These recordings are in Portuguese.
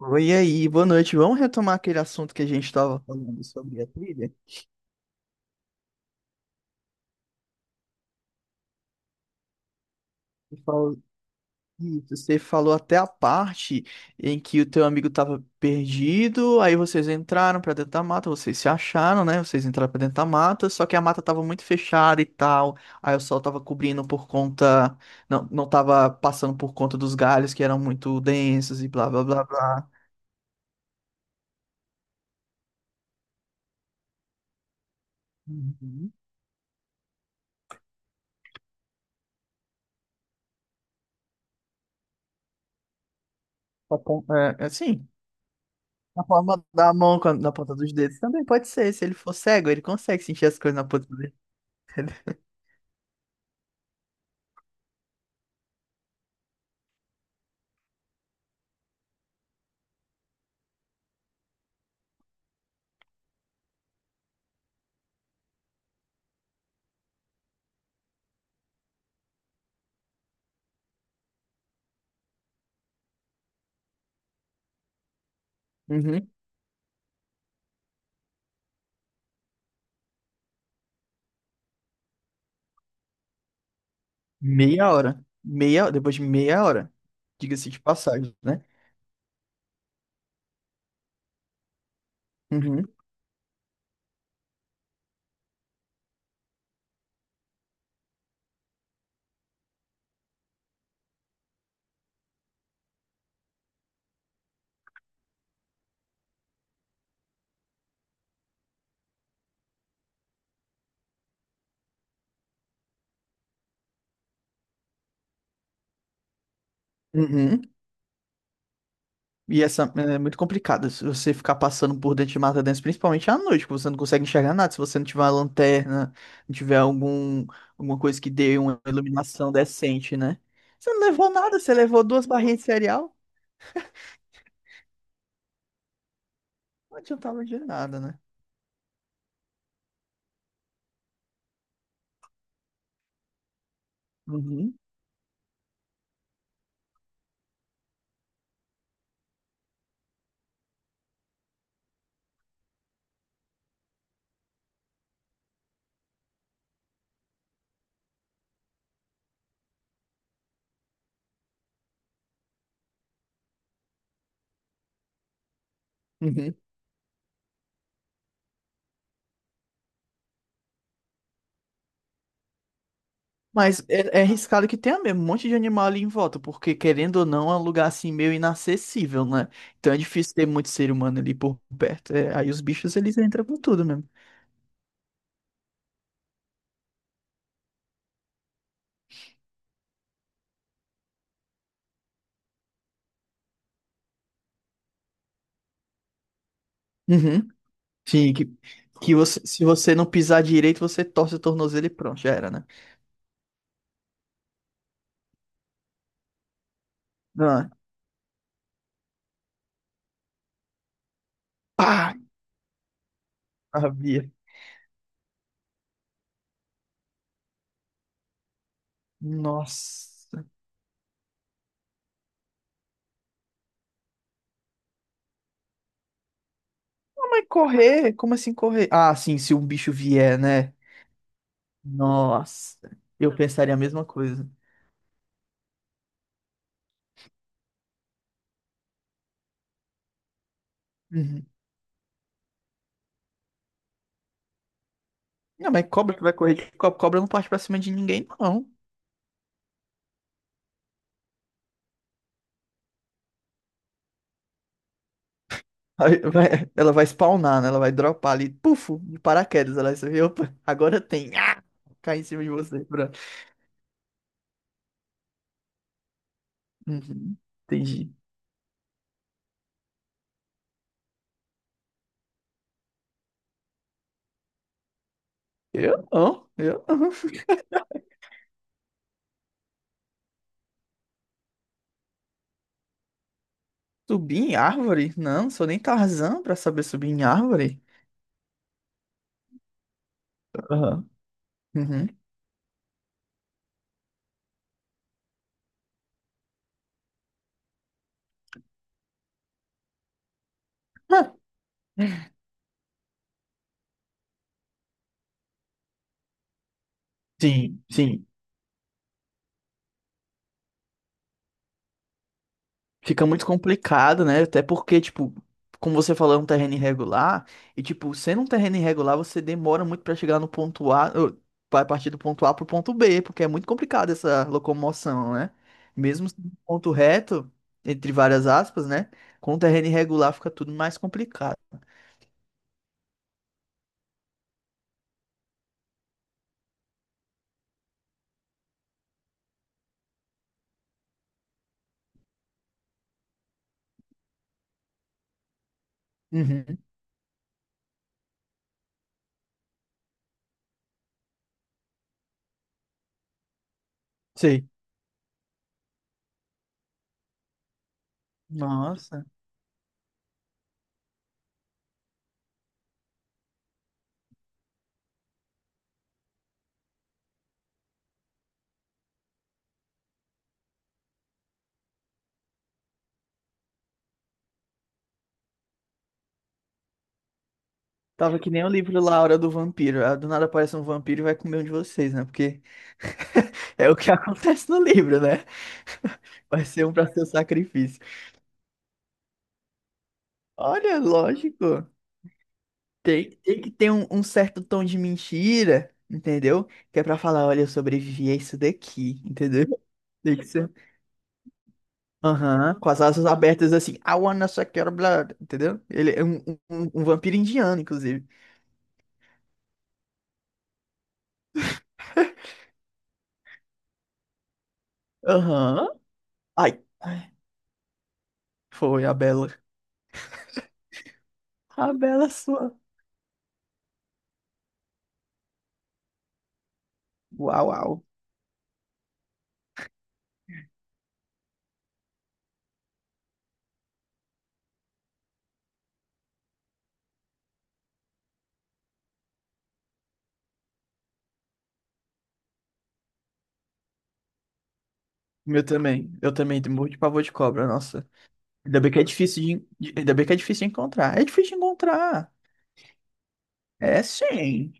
Oi, e aí, boa noite. Vamos retomar aquele assunto que a gente estava falando sobre a trilha? Você falou, isso, você falou até a parte em que o teu amigo estava perdido, aí vocês entraram para dentro da mata, vocês se acharam, né? Vocês entraram para dentro da mata, só que a mata estava muito fechada e tal, aí o sol estava cobrindo por conta, não, não estava passando por conta dos galhos que eram muito densos e blá blá blá blá. Uhum. Tá bom. É assim. Na palma da mão, na ponta dos dedos também pode ser. Se ele for cego, ele consegue sentir as coisas na ponta dos dedos. Uhum. Meia hora. Depois de meia hora. Diga-se de passagem, né? Uhum. Uhum. E essa é muito complicada. Se você ficar passando por dentro de mata dentro, principalmente à noite, que você não consegue enxergar nada. Se você não tiver uma lanterna, não tiver alguma coisa que dê uma iluminação decente, né? Você não levou nada, você levou duas barrinhas de cereal. Não adiantava de nada, né? Uhum. Uhum. Mas é, é arriscado que tenha mesmo um monte de animal ali em volta, porque querendo ou não, é um lugar assim meio inacessível, né? Então é difícil ter muito ser humano ali por perto. É, aí os bichos eles entram com tudo mesmo. Uhum. Sim, se você não pisar direito, você torce o tornozelo e pronto, já era, né? Ah, pá, sabia. Nossa. Não, mas correr? Como assim correr? Ah, sim, se um bicho vier, né? Nossa. Eu pensaria a mesma coisa. Uhum. Não, mas cobra que vai correr de cobra, cobra não parte pra cima de ninguém, não. Aí ela vai spawnar, né? Ela vai dropar ali, pufo, de paraquedas. Ela vai ver, opa, agora tem. Ah! Cai em cima de você. Pronto. Uhum, entendi. Eu não, eu não. Subir em árvore? Não, não sou nem Tarzan pra saber subir em árvore. Aham. Uhum. Ah, sim, sim. Fica muito complicado, né? Até porque, tipo, como você falou, é um terreno irregular. E, tipo, sendo um terreno irregular, você demora muito pra chegar no ponto A ou vai partir do ponto A pro ponto B, porque é muito complicado essa locomoção, né? Mesmo sendo um ponto reto, entre várias aspas, né? Com o terreno irregular fica tudo mais complicado. Uhum, sei. Nossa. Tava que nem o livro lá, A Hora do Vampiro. Ah, do nada aparece um vampiro e vai comer um de vocês, né? Porque é o que acontece no livro, né? Vai ser um para seu sacrifício. Olha, lógico. Tem que ter um certo tom de mentira, entendeu? Que é pra falar, olha, eu sobrevivi a isso daqui, entendeu? Tem que ser. Aham, com as asas abertas assim. I wanna suck your blood, entendeu? Ele é um vampiro indiano, inclusive. Aham. Ai, ai, foi a Bela. A Bela sua. Uau, uau. Meu também. Eu também tenho morro de pavor de cobra, nossa. Ainda bem que é difícil de encontrar. É difícil de encontrar. É sim.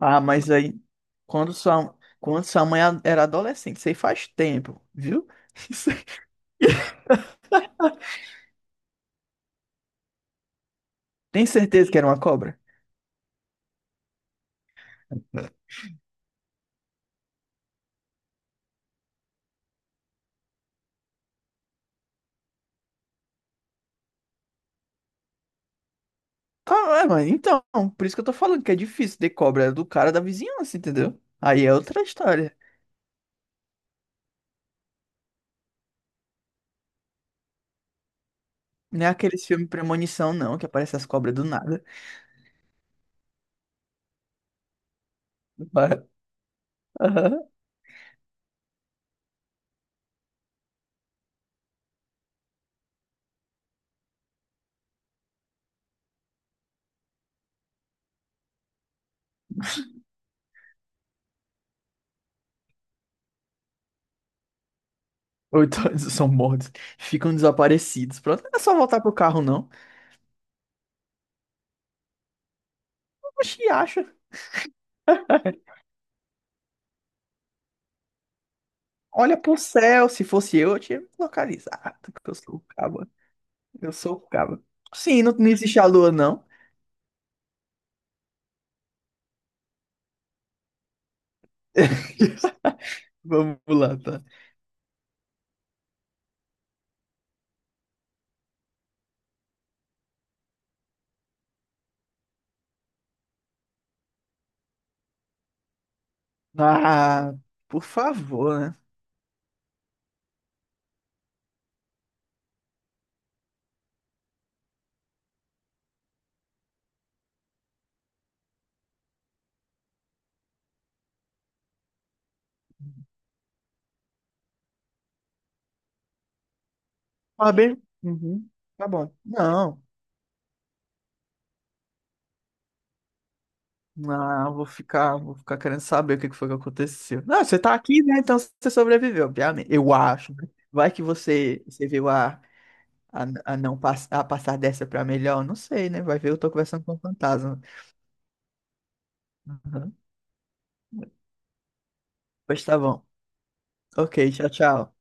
Ah, mas aí, quando sua, quando sua mãe era adolescente, isso aí faz tempo, viu? Isso aí- Tem certeza que era uma cobra? Claro, é, mas então, por isso que eu tô falando que é difícil ter cobra, é do cara da vizinhança, entendeu? Aí é outra história. Não é aqueles filmes Premonição, não, que aparecem as cobras do nada. Vai. Aham. Ou então eles são mortos, ficam desaparecidos. Pronto, não é só voltar pro carro, não. Oxi, acha. Olha pro céu, se fosse eu tinha me localizado, que eu sou o cabo. Eu sou o cabra. Sim, não, não existe a lua, não. Vamos lá, tá? Ah, por favor, né? Tá bem? Uhum, tá bom. Não, não, vou ficar querendo saber o que que foi que aconteceu. Não, você tá aqui, né? Então você sobreviveu, obviamente. Eu acho, né? Vai que você viu a passar dessa pra melhor, não sei, né? Vai ver, eu tô conversando com o fantasma. Uhum. Pois tá bom. Ok, tchau, tchau.